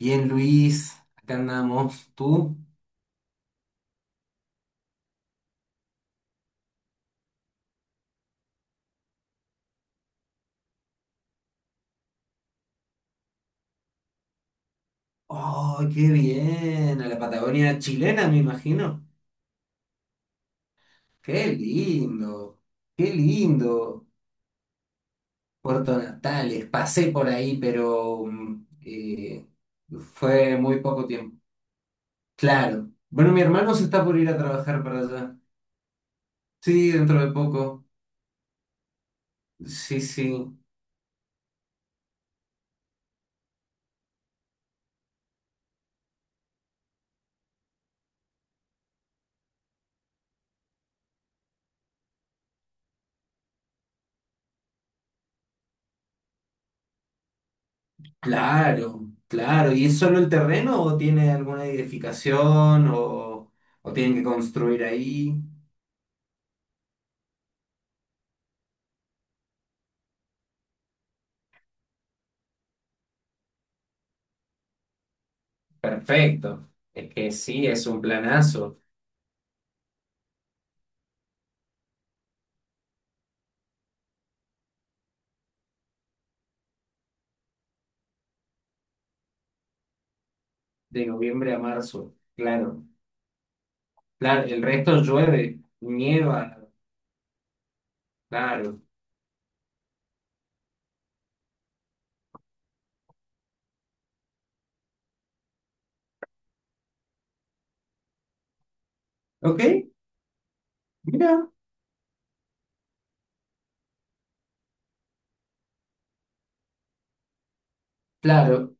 Bien, Luis, acá andamos. ¿Tú? ¡Oh, qué bien! A la Patagonia chilena, me imagino. ¡Qué lindo! ¡Qué lindo! Puerto Natales, pasé por ahí, pero fue muy poco tiempo. Claro. Bueno, mi hermano se está por ir a trabajar para allá. Sí, dentro de poco. Sí, sí. Claro, claro. ¿Y es solo el terreno o tiene alguna edificación, o tienen que construir ahí? Perfecto. Es que sí, es un planazo. De noviembre a marzo. Claro. Claro, el resto llueve, nieva. Claro. Ok, mira. Claro.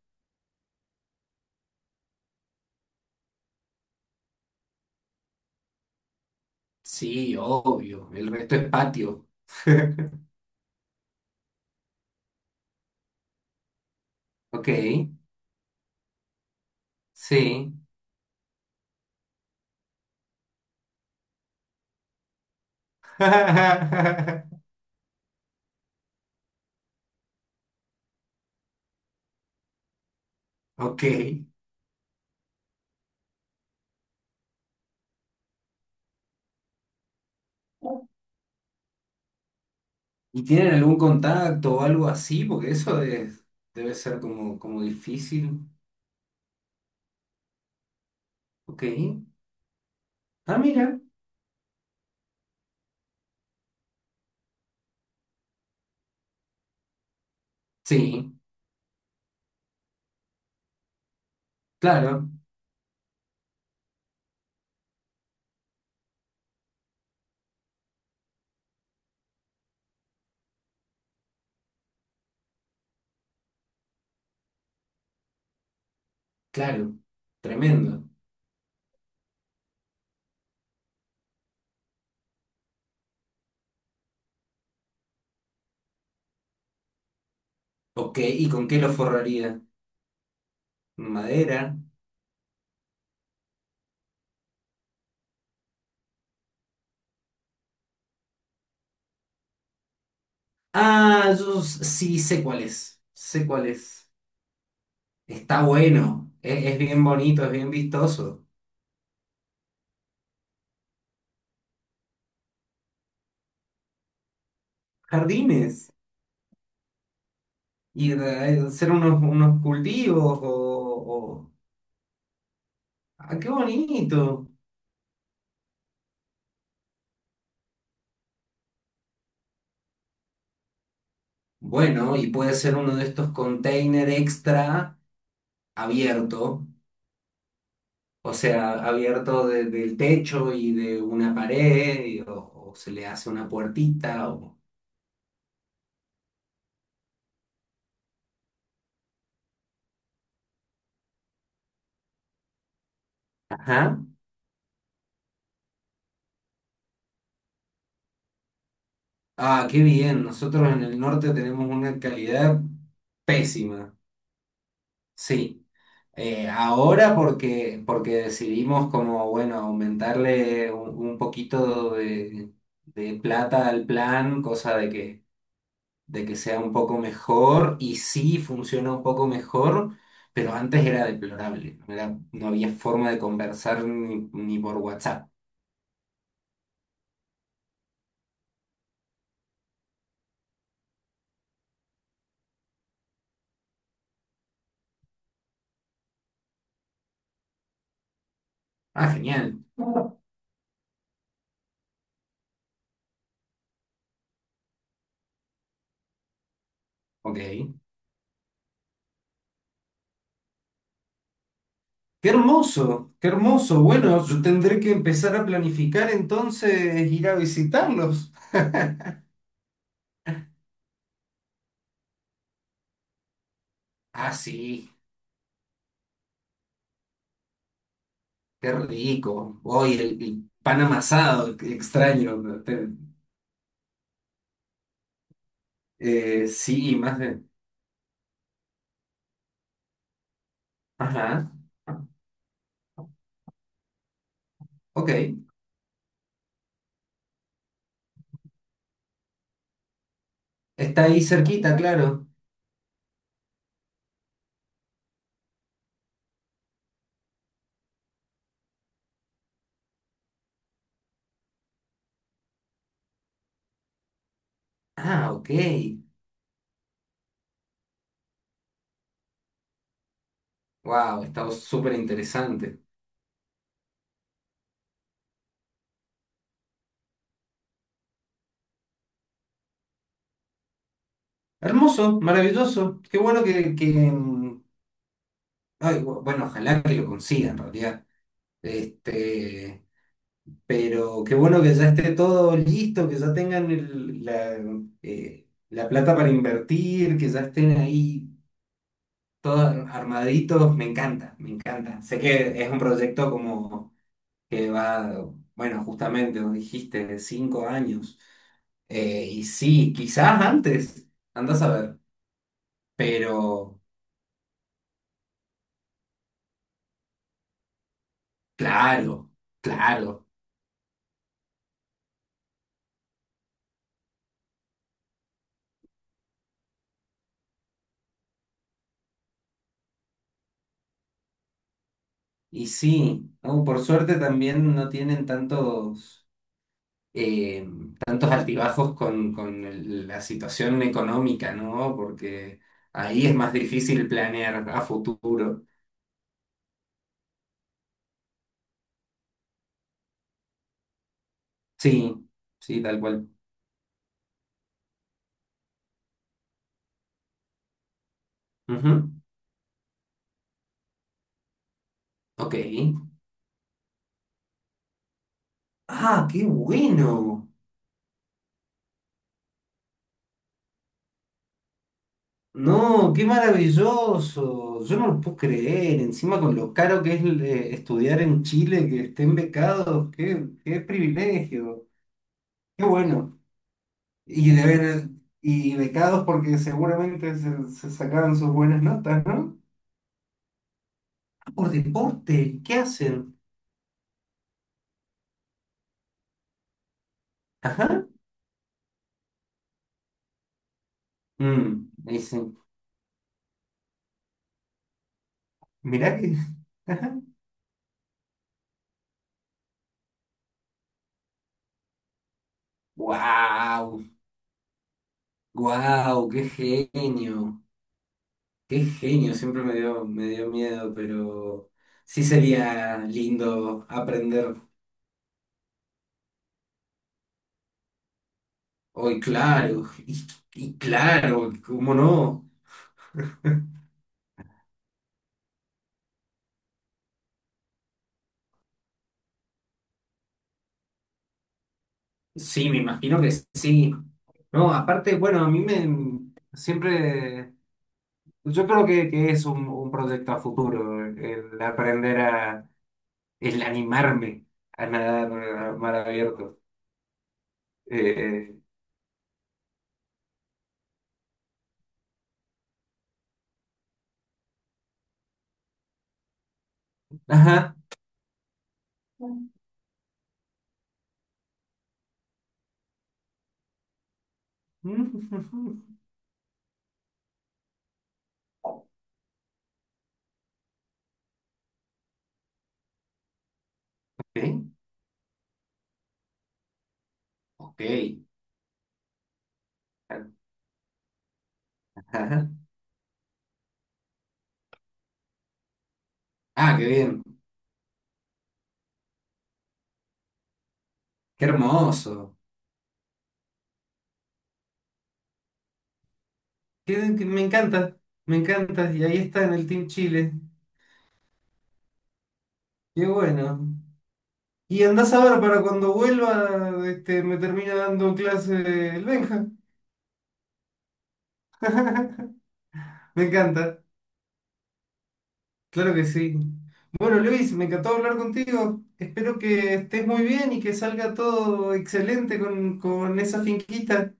Sí, obvio. El resto es patio. Ok, sí. Ok. ¿Y tienen algún contacto o algo así? Porque debe ser como difícil. Ok. Ah, mira. Sí, claro, claro. Tremendo. Ok, ¿y con qué lo forraría? Madera. Ah, sí sé cuál es. Sé cuál es. Está bueno. Es bien bonito, es bien vistoso. Jardines. Y hacer unos cultivos o- Ah, qué bonito. Bueno, y puede ser uno de estos container extra abierto. O sea, abierto del techo y de una pared. O, o se le hace una puertita. O... Ajá. Ah, qué bien. Nosotros en el norte tenemos una calidad pésima. Sí. Ahora porque decidimos como, bueno, aumentarle un poquito de plata al plan, cosa de que sea un poco mejor y sí funciona un poco mejor, pero antes era deplorable. No había forma de conversar ni por WhatsApp. Ah, genial. Ok. Qué hermoso, qué hermoso. Bueno, yo tendré que empezar a planificar entonces ir a visitarlos. Ah, sí, qué rico. Hoy el pan amasado, qué extraño, ¿no? Sí, más de... Ajá, ok. Está ahí cerquita, claro. Ah, ok. Wow, está súper interesante. Hermoso, maravilloso. Qué bueno que... mm, ay, bueno, ojalá que lo consiga en realidad. Este... Pero qué bueno que ya esté todo listo, que ya tengan la, la plata para invertir, que ya estén ahí todos armaditos. Me encanta, me encanta. Sé que es un proyecto como que va, bueno, justamente, vos dijiste, de cinco años. Y sí, quizás antes, andas a ver. Pero claro, claro. Y sí, ¿no? Por suerte también no tienen tantos eh, tantos altibajos con la situación económica, ¿no? Porque ahí es más difícil planear a futuro. Sí, sí, tal cual. Ujú. Ok. Ah, qué bueno. No, qué maravilloso. Yo no lo puedo creer. Encima con lo caro que es estudiar en Chile, que estén becados, qué, qué privilegio. Qué bueno. Y, de ver- y becados porque seguramente se sacaron sus buenas notas, no por deporte, ¿qué hacen? Ajá. Mm, dice, mirá que. Ajá. Wow, wow, qué genio, qué genio. Siempre me dio miedo, pero sí sería lindo aprender hoy, claro, y claro, ¿cómo no? Sí, me imagino que sí. No, aparte, bueno, a mí me siempre, yo creo que es un proyecto a futuro, el animarme a nadar a mar abierto. Eh, eh, ajá. Mm, ok, ok. Ajá. Ah, qué bien. Qué hermoso. Me encanta, me encanta. Y ahí está en el Team Chile. Qué bueno. Y andás a ver para cuando vuelva, este, me termina dando clase el Benja. Me encanta. Claro que sí. Bueno, Luis, me encantó hablar contigo. Espero que estés muy bien y que salga todo excelente con esa finquita.